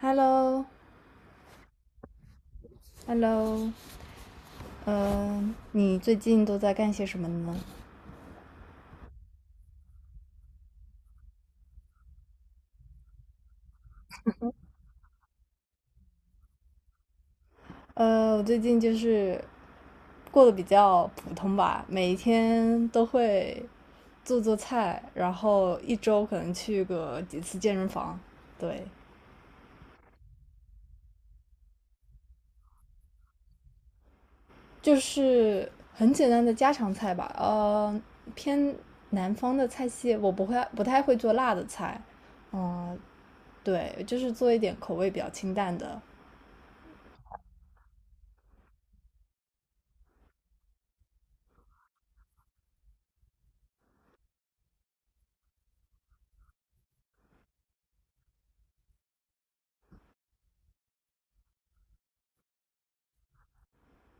Hello，Hello，嗯，你最近都在干些什么呢？我最近就是过得比较普通吧，每一天都会做做菜，然后一周可能去个几次健身房，对，就是很简单的家常菜吧。偏南方的菜系，我不太会做辣的菜，嗯、对，就是做一点口味比较清淡的。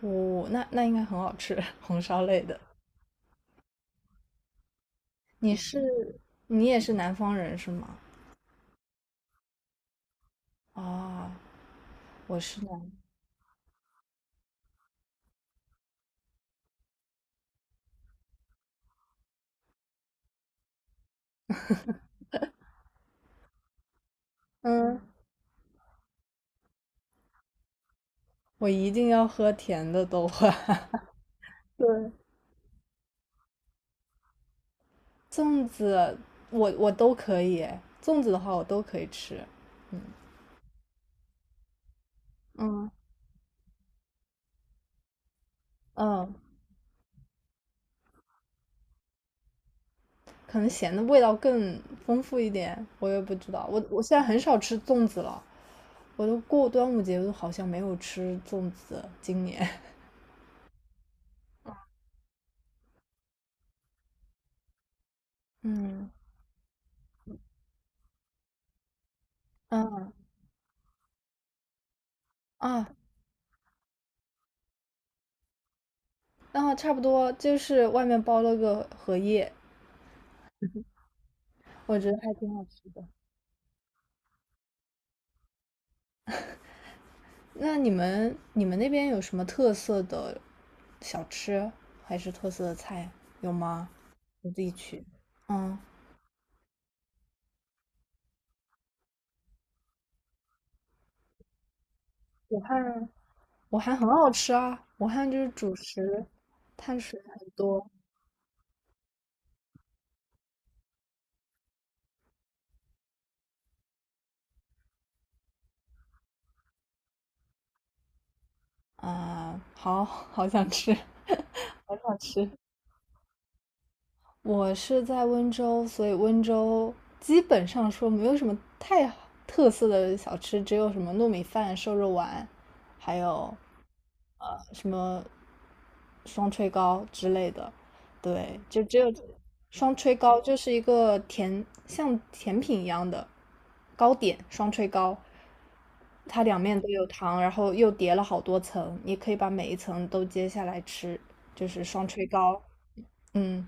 哦，那应该很好吃，红烧类的。你嗯是你也是南方人是吗？啊，我是南，嗯，我一定要喝甜的豆花。对，粽子，我都可以诶粽子的话我都可以吃。嗯，嗯，嗯。可能咸的味道更丰富一点，我也不知道。我现在很少吃粽子了，我都过端午节我都好像没有吃粽子，今年。嗯嗯啊，然后差不多就是外面包了个荷叶，我觉得还挺好吃的。那你们那边有什么特色的小吃还是特色的菜有吗？你自己去。嗯，武汉武汉很好吃啊，武汉就是主食，碳水很多啊，好好想吃，好想吃。我是在温州，所以温州基本上说没有什么太特色的小吃，只有什么糯米饭、瘦肉丸，还有呃什么双炊糕之类的。对，就只有双炊糕，就是一个像甜品一样的糕点，双炊糕，它两面都有糖，然后又叠了好多层，你可以把每一层都揭下来吃，就是双炊糕。嗯，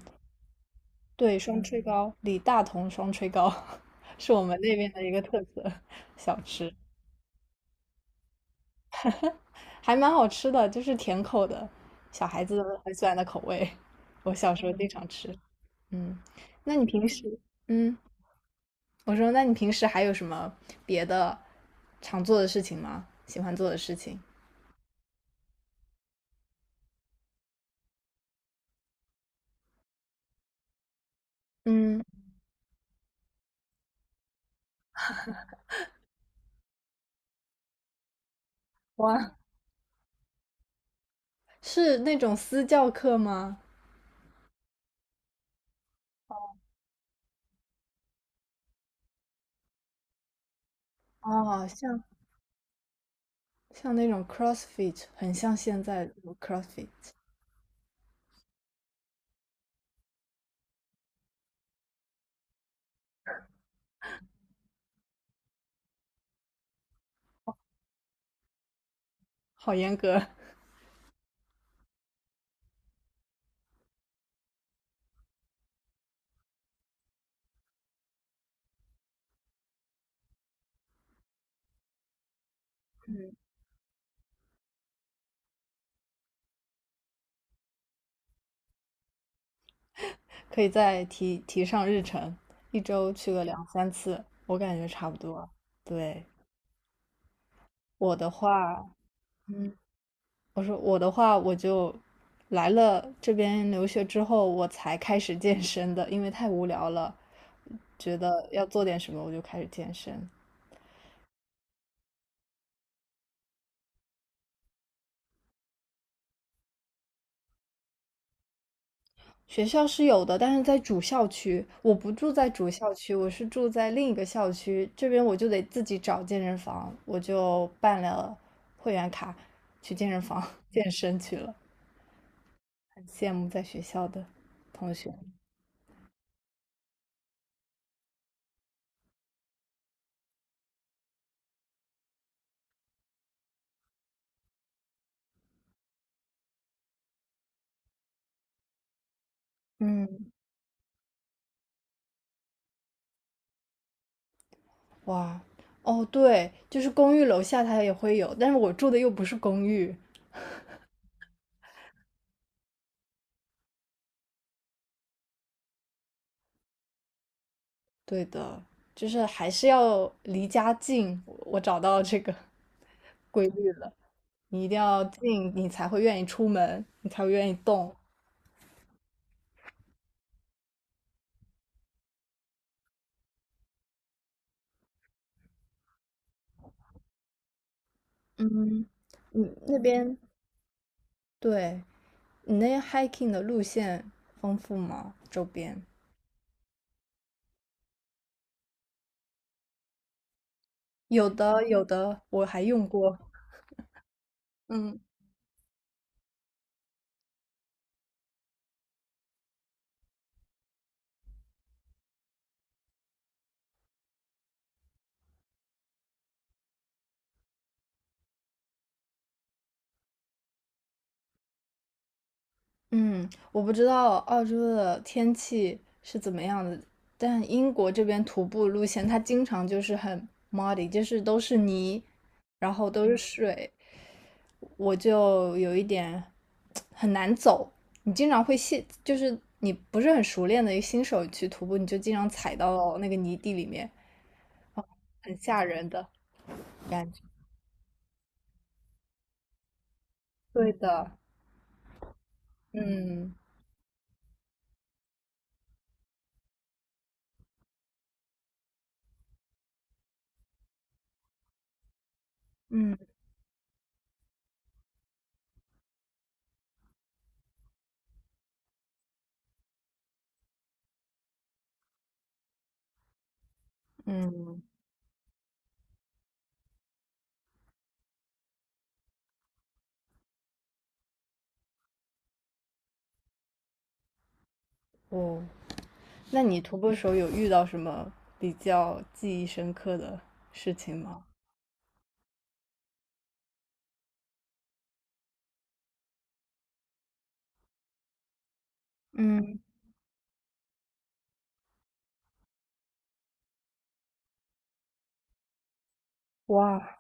对，双炊糕，李大同双炊糕 是我们那边的一个特色小吃，还蛮好吃的，就是甜口的，小孩子很喜欢的口味。我小时候经常吃。嗯，那你平时，嗯，我说，那你平时还有什么别的常做的事情吗？喜欢做的事情？嗯，哇，是那种私教课吗？哦，像那种 CrossFit，很像现在的 CrossFit，好严格。可以再提提上日程，一周去个两三次，我感觉差不多。对，我的话，嗯，我说我的话，我就来了这边留学之后，我才开始健身的，因为太无聊了，觉得要做点什么，我就开始健身。学校是有的，但是在主校区，我不住在主校区，我是住在另一个校区，这边我就得自己找健身房，我就办了会员卡，去健身房 健身去了。羡慕在学校的同学。嗯，哇，哦，对，就是公寓楼下它也会有，但是我住的又不是公寓。对的，就是还是要离家近。我找到这个 规律了，你一定要近，你才会愿意出门，你才会愿意动。嗯，你那边，对，你那边 hiking 的路线丰富吗？周边有的，有的，我还用过。嗯。嗯，我不知道澳洲的天气是怎么样的，但英国这边徒步路线它经常就是很 muddy，就是都是泥，然后都是水，我就有一点很难走。你经常会陷，就是你不是很熟练的一个新手去徒步，你就经常踩到那个泥地里面，很吓人的感觉。对的，嗯嗯嗯，哦。那你徒步的时候有遇到什么比较记忆深刻的事情吗？嗯，哇，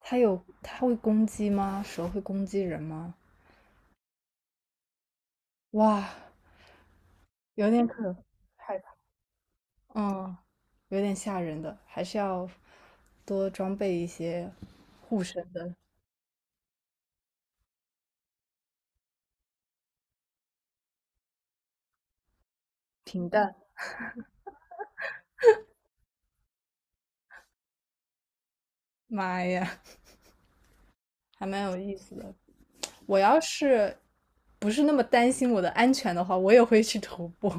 它有，它会攻击吗？蛇会攻击人吗？哇，有点可，害怕。嗯，有点吓人的，还是要多装备一些护身的平淡，妈呀，还蛮有意思的。我要是不是那么担心我的安全的话，我也会去徒步。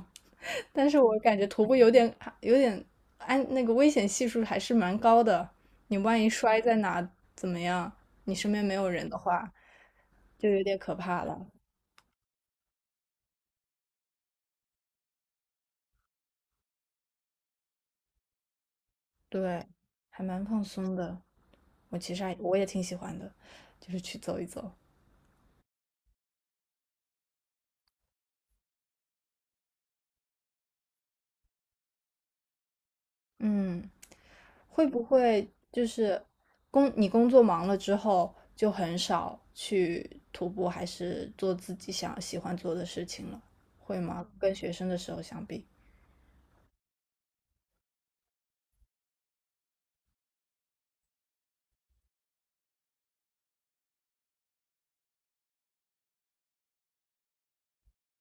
但是我感觉徒步有点有点安，那个危险系数还是蛮高的。你万一摔在哪怎么样？你身边没有人的话，就有点可怕了。对，还蛮放松的。我其实还我也挺喜欢的，就是去走一走。嗯，会不会就是你工作忙了之后就很少去徒步，还是做自己喜欢做的事情了？会吗？跟学生的时候相比？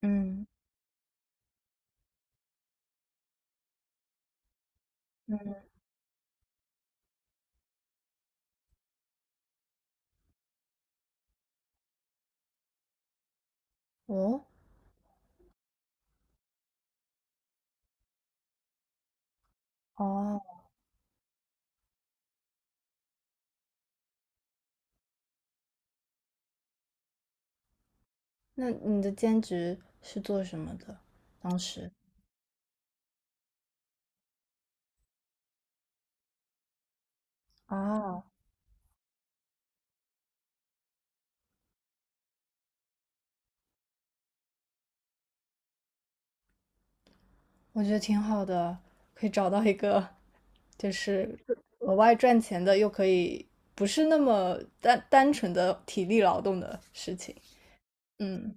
嗯嗯，哦，哦，那你的兼职是做什么的？当时啊，我觉得挺好的，可以找到一个就是额外赚钱的，又可以不是那么单纯的体力劳动的事情。嗯，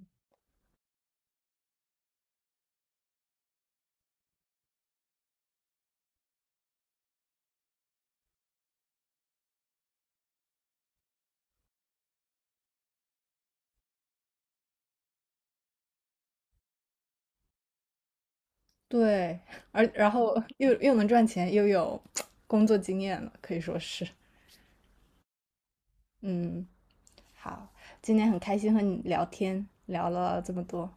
对，然后又能赚钱，又有工作经验了，可以说是。嗯，好，今天很开心和你聊天，聊了这么多。